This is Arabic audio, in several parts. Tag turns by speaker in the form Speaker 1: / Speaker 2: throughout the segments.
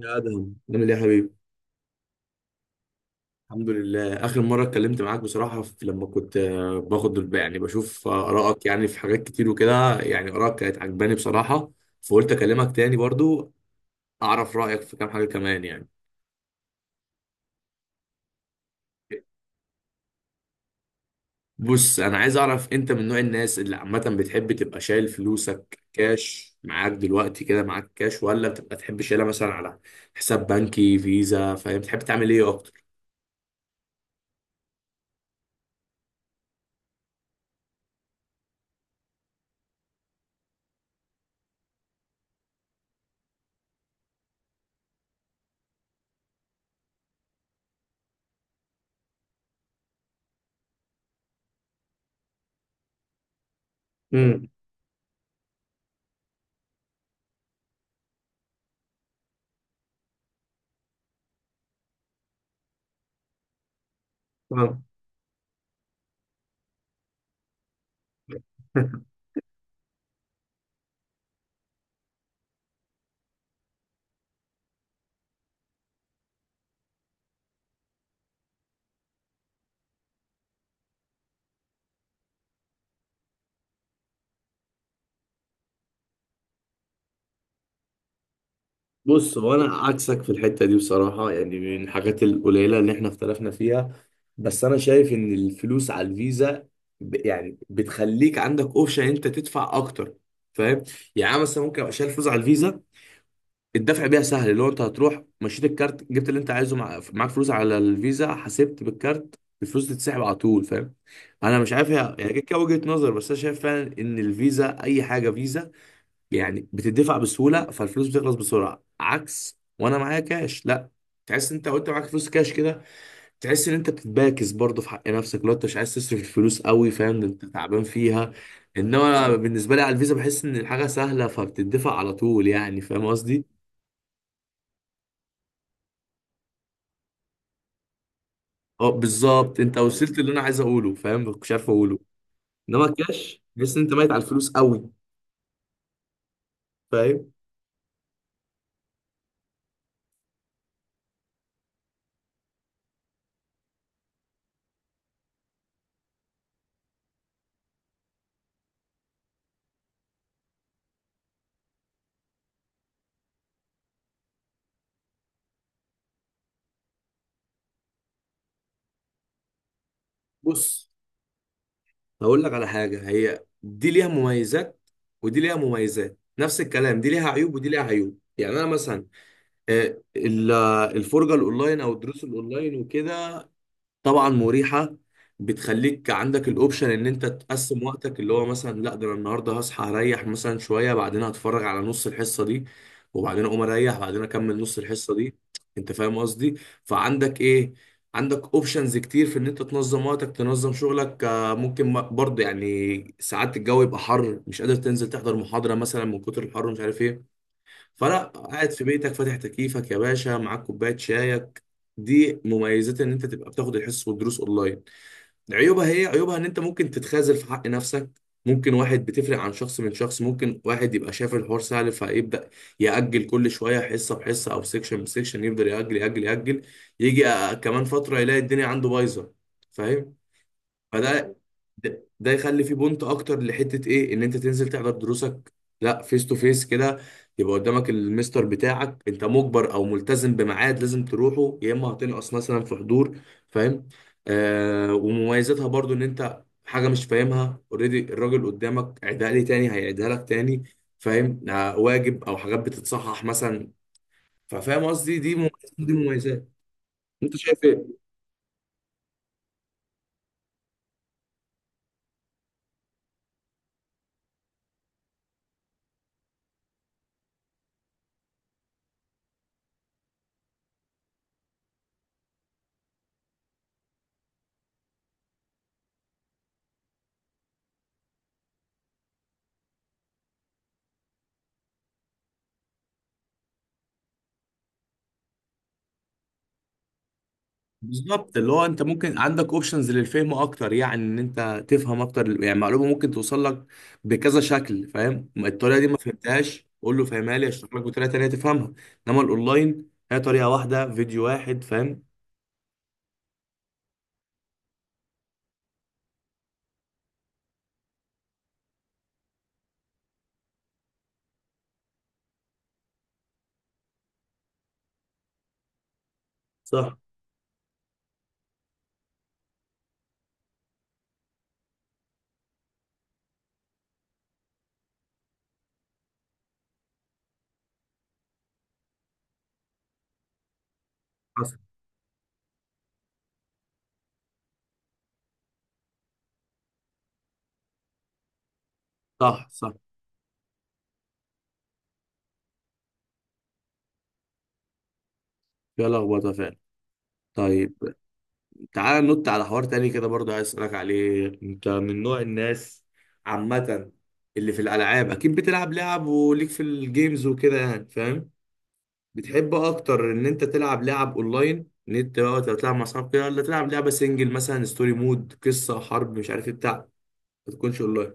Speaker 1: يا ادهم عامل ايه يا حبيبي؟ الحمد لله. اخر مره اتكلمت معاك بصراحه، في لما كنت باخد يعني بشوف ارائك يعني في حاجات كتير، وكده يعني ارائك كانت عجباني بصراحه. فقلت اكلمك تاني برضو، اعرف رايك في كام حاجه كمان يعني. بص، انا عايز اعرف، انت من نوع الناس اللي عامه بتحب تبقى شايل فلوسك كاش؟ معاك دلوقتي كده معاك كاش، ولا بتبقى تحب شايلها مثلا على حساب بنكي، فيزا، فاهم؟ بتحب تعمل ايه اكتر؟ امم بص، هو انا عكسك في الحته دي بصراحه، يعني من الحاجات القليله اللي احنا اختلفنا فيها. بس انا شايف ان الفلوس على الفيزا يعني بتخليك عندك اوبشن انت تدفع اكتر، فاهم؟ يعني أنا مثلا ممكن ابقى شايل فلوس على الفيزا، الدفع بيها سهل، اللي هو انت هتروح مشيت الكارت، جبت اللي انت عايزه، مع... معاك فلوس على الفيزا، حسبت بالكارت، الفلوس تتسحب على طول، فاهم؟ انا مش عارف، يعني كده كده وجهه نظر، بس انا شايف فعلا ان الفيزا اي حاجه فيزا يعني، بتدفع بسهوله فالفلوس بتخلص بسرعه. عكس وانا معايا كاش، لا، تحس ان انت وانت معاك فلوس كاش كده، تحس ان انت بتتباكس برضه في حق نفسك، لو انت مش عايز تصرف الفلوس قوي، فاهم؟ إن انت تعبان فيها. انما أنا بالنسبه لي على الفيزا بحس ان الحاجه سهله، فبتدفع على طول يعني، فاهم قصدي؟ اه بالظبط، انت وصلت اللي انا عايز اقوله، فاهم مش عارف اقوله. انما الكاش، تحس ان انت ميت على الفلوس قوي، فاهم؟ بص هقول لك على حاجة، هي دي ليها مميزات ودي ليها مميزات، نفس الكلام دي ليها عيوب ودي ليها عيوب. يعني انا مثلا، آه، ال- الفرجة الاونلاين او الدروس الاونلاين وكده، طبعا مريحة، بتخليك عندك الاوبشن ان انت تقسم وقتك، اللي هو مثلا، لا ده انا النهارده هصحى اريح مثلا شوية، بعدين هتفرج على نص الحصة دي، وبعدين اقوم اريح بعدين اكمل نص الحصة دي، انت فاهم قصدي؟ فعندك ايه، عندك اوبشنز كتير في ان انت تنظم وقتك، تنظم شغلك. ممكن برضه يعني ساعات الجو يبقى حر، مش قادر تنزل تحضر محاضرة مثلا من كتر الحر ومش عارف ايه، فلا قاعد في بيتك، فاتح تكييفك يا باشا، معاك كوبايه شايك. دي مميزات ان انت تبقى بتاخد الحصص والدروس اونلاين. عيوبها، هي عيوبها ان انت ممكن تتخاذل في حق نفسك. ممكن واحد، بتفرق عن شخص من شخص، ممكن واحد يبقى شايف الحوار سهل، فيبدا ياجل كل شويه، حصه بحصه او سيكشن بسيكشن، يفضل ياجل ياجل ياجل، يجي كمان فتره يلاقي الدنيا عنده بايظه، فاهم؟ فده، ده يخلي فيه بونت اكتر لحته ايه، ان انت تنزل تحضر دروسك لا، فيس تو فيس كده، يبقى قدامك المستر بتاعك، انت مجبر او ملتزم بميعاد لازم تروحه، يا اما هتنقص مثلا في حضور، فاهم؟ آه ومميزاتها برضو ان انت حاجه مش فاهمها اوريدي، الراجل قدامك عيدها لي تاني هيعيدها لك تاني، فاهم؟ آه واجب او حاجات بتتصحح مثلا، ففاهم قصدي، دي مميزات دي مميزات. انت شايف ايه؟ بالظبط، اللي هو انت ممكن عندك اوبشنز للفهم اكتر، يعني ان انت تفهم اكتر يعني، معلومه ممكن توصل لك بكذا شكل، فاهم؟ الطريقه دي ما فهمتهاش، قول له فهمها لي، اشرح لك بطريقه تانيه تفهمها. انما الاونلاين هي طريقه واحده، فيديو واحد، فاهم؟ صح. حصل. صح، صح. فيها لخبطه فعلا. طيب، تعال ننط على حوار تاني كده برضه عايز اسالك عليه. انت من نوع الناس عامه اللي في الالعاب، اكيد بتلعب لعب وليك في الجيمز وكده يعني، فاهم؟ بتحب اكتر ان انت تلعب لعب اونلاين، ان انت وقت لو تلعب مع اصحابك كده، ولا تلعب لعبه سنجل مثلا، ستوري مود، قصه حرب، مش عارف ايه بتاع، ما تكونش اونلاين؟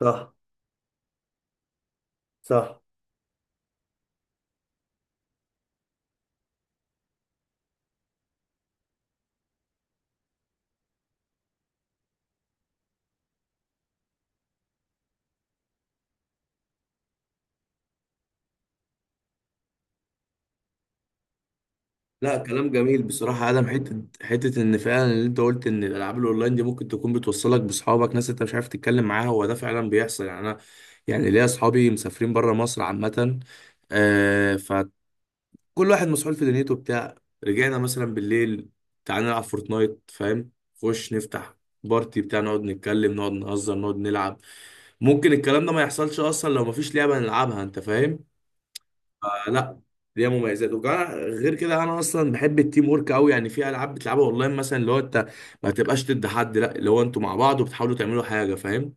Speaker 1: صح، صح. لا كلام جميل بصراحه يا ادم، حته حته، ان فعلا اللي انت قلت ان الالعاب الاونلاين دي ممكن تكون بتوصلك باصحابك، ناس انت مش عارف تتكلم معاها، هو ده فعلا بيحصل. يعني انا يعني ليا اصحابي مسافرين بره مصر عامه، كل واحد مسحول في دنيته بتاع، رجعنا مثلا بالليل، تعالى نلعب فورتنايت، فاهم؟ خش نفتح بارتي بتاع، نقعد نتكلم، نقعد نهزر، نقعد نلعب. ممكن الكلام ده ما يحصلش اصلا لو ما فيش لعبه نلعبها، انت فاهم؟ آه، لا، ليها مميزات. وكمان غير كده انا اصلا بحب التيم ورك قوي، يعني في العاب بتلعبها اونلاين مثلا، اللي هو انت ما تبقاش ضد حد، لا اللي هو انتوا مع بعض وبتحاولوا تعملوا حاجه، فاهم؟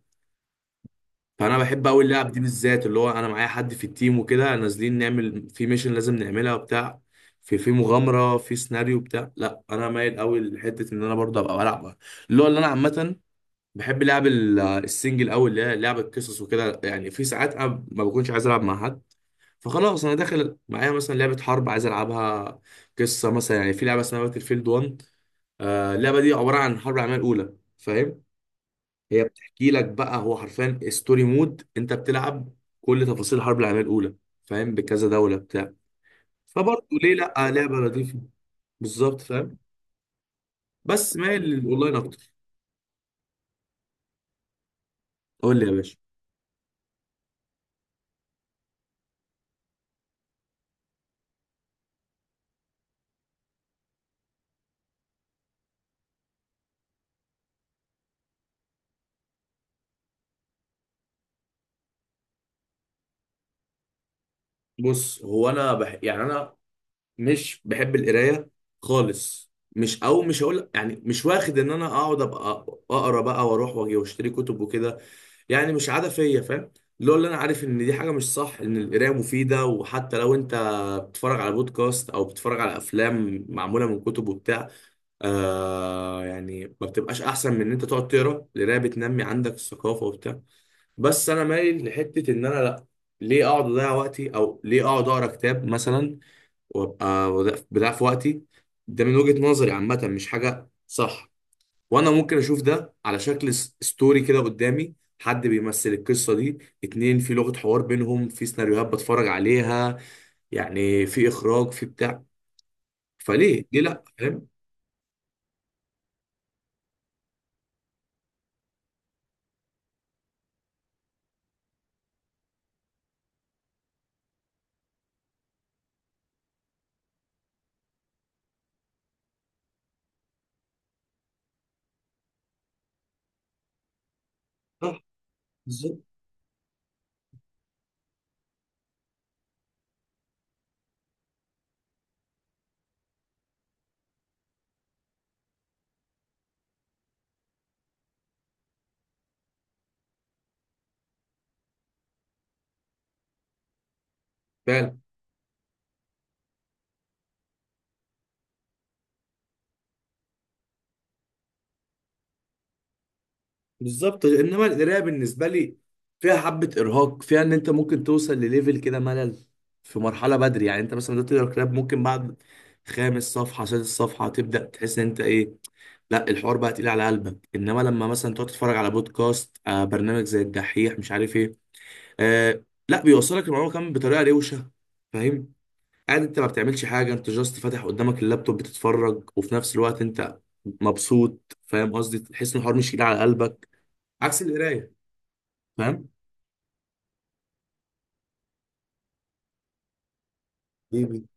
Speaker 1: فانا بحب قوي اللعب دي بالذات، اللي هو انا معايا حد في التيم وكده، نازلين نعمل في ميشن لازم نعملها وبتاع، في في مغامره، في سيناريو بتاع، لا انا مايل قوي لحته ان انا برضه ابقى بلعب، اللي هو اللي انا عامه بحب لعب السنجل قوي، اللي هي لعب القصص وكده. يعني في ساعات انا ما بكونش عايز العب مع حد، فخلاص انا داخل معايا مثلا لعبه حرب عايز العبها، قصه مثلا. يعني في لعبه اسمها باتل فيلد 1، اللعبه دي عباره عن حرب العالميه الاولى، فاهم؟ هي بتحكي لك بقى، هو حرفيا ستوري مود، انت بتلعب كل تفاصيل الحرب العالميه الاولى، فاهم؟ بكذا دوله بتاع. فبرضه ليه لا، لعبه لطيفه. بالظبط، فاهم؟ بس مايل للاونلاين اكتر. قول لي يا باشا. بص هو انا يعني انا مش بحب القرايه خالص، مش، او مش هقول يعني، مش واخد ان انا اقعد ابقى اقرا بقى، واروح واجي واشتري كتب وكده، يعني مش عاده فيا، فاهم؟ اللي هو اللي انا عارف ان دي حاجه مش صح، ان القرايه مفيده، وحتى لو انت بتتفرج على بودكاست، او بتتفرج على افلام معموله من كتب وبتاع، آه يعني ما بتبقاش احسن من ان انت تقعد تقرا، القرايه بتنمي عندك الثقافه وبتاع. بس انا مايل لحته ان انا لا، ليه اقعد اضيع وقتي، او ليه اقعد اقرا كتاب مثلا، وابقى بضيع في وقتي، ده من وجهه نظري عامه مش حاجه صح. وانا ممكن اشوف ده على شكل ستوري كده قدامي، حد بيمثل القصه دي، اتنين في لغه حوار بينهم، في سيناريوهات بتفرج عليها، يعني في اخراج، في بتاع، فليه، ليه لا، فاهم؟ صح. بالظبط. فعلا بالظبط. انما القرايه بالنسبه لي فيها حبه ارهاق، فيها ان انت ممكن توصل لليفل كده ملل في مرحله بدري، يعني انت مثلا دلوقتي تقرا كتاب، ممكن بعد خامس صفحه سادس صفحه تبدا تحس ان انت ايه، لا الحوار بقى تقيل على قلبك. انما لما مثلا تقعد تتفرج على بودكاست، آه برنامج زي الدحيح مش عارف ايه، آه لا بيوصلك المعلومه كمان بطريقه روشه، فاهم؟ قاعد انت ما بتعملش حاجه، انت جاست فاتح قدامك اللابتوب بتتفرج، وفي نفس الوقت انت مبسوط، فاهم قصدي؟ تحس ان الحوار مش تقيل على قلبك، عكس القرايه، فاهم؟ حبيبي،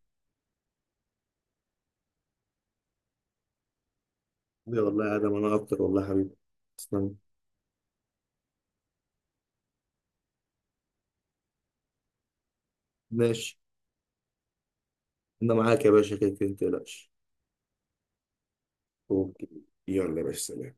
Speaker 1: حبيبي والله يا ادم، انا اكتر والله يا حبيبي، تسلم. ماشي، انا معاك يا باشا، كده كده ما تقلقش. اوكي، يلا يا باشا، سلام.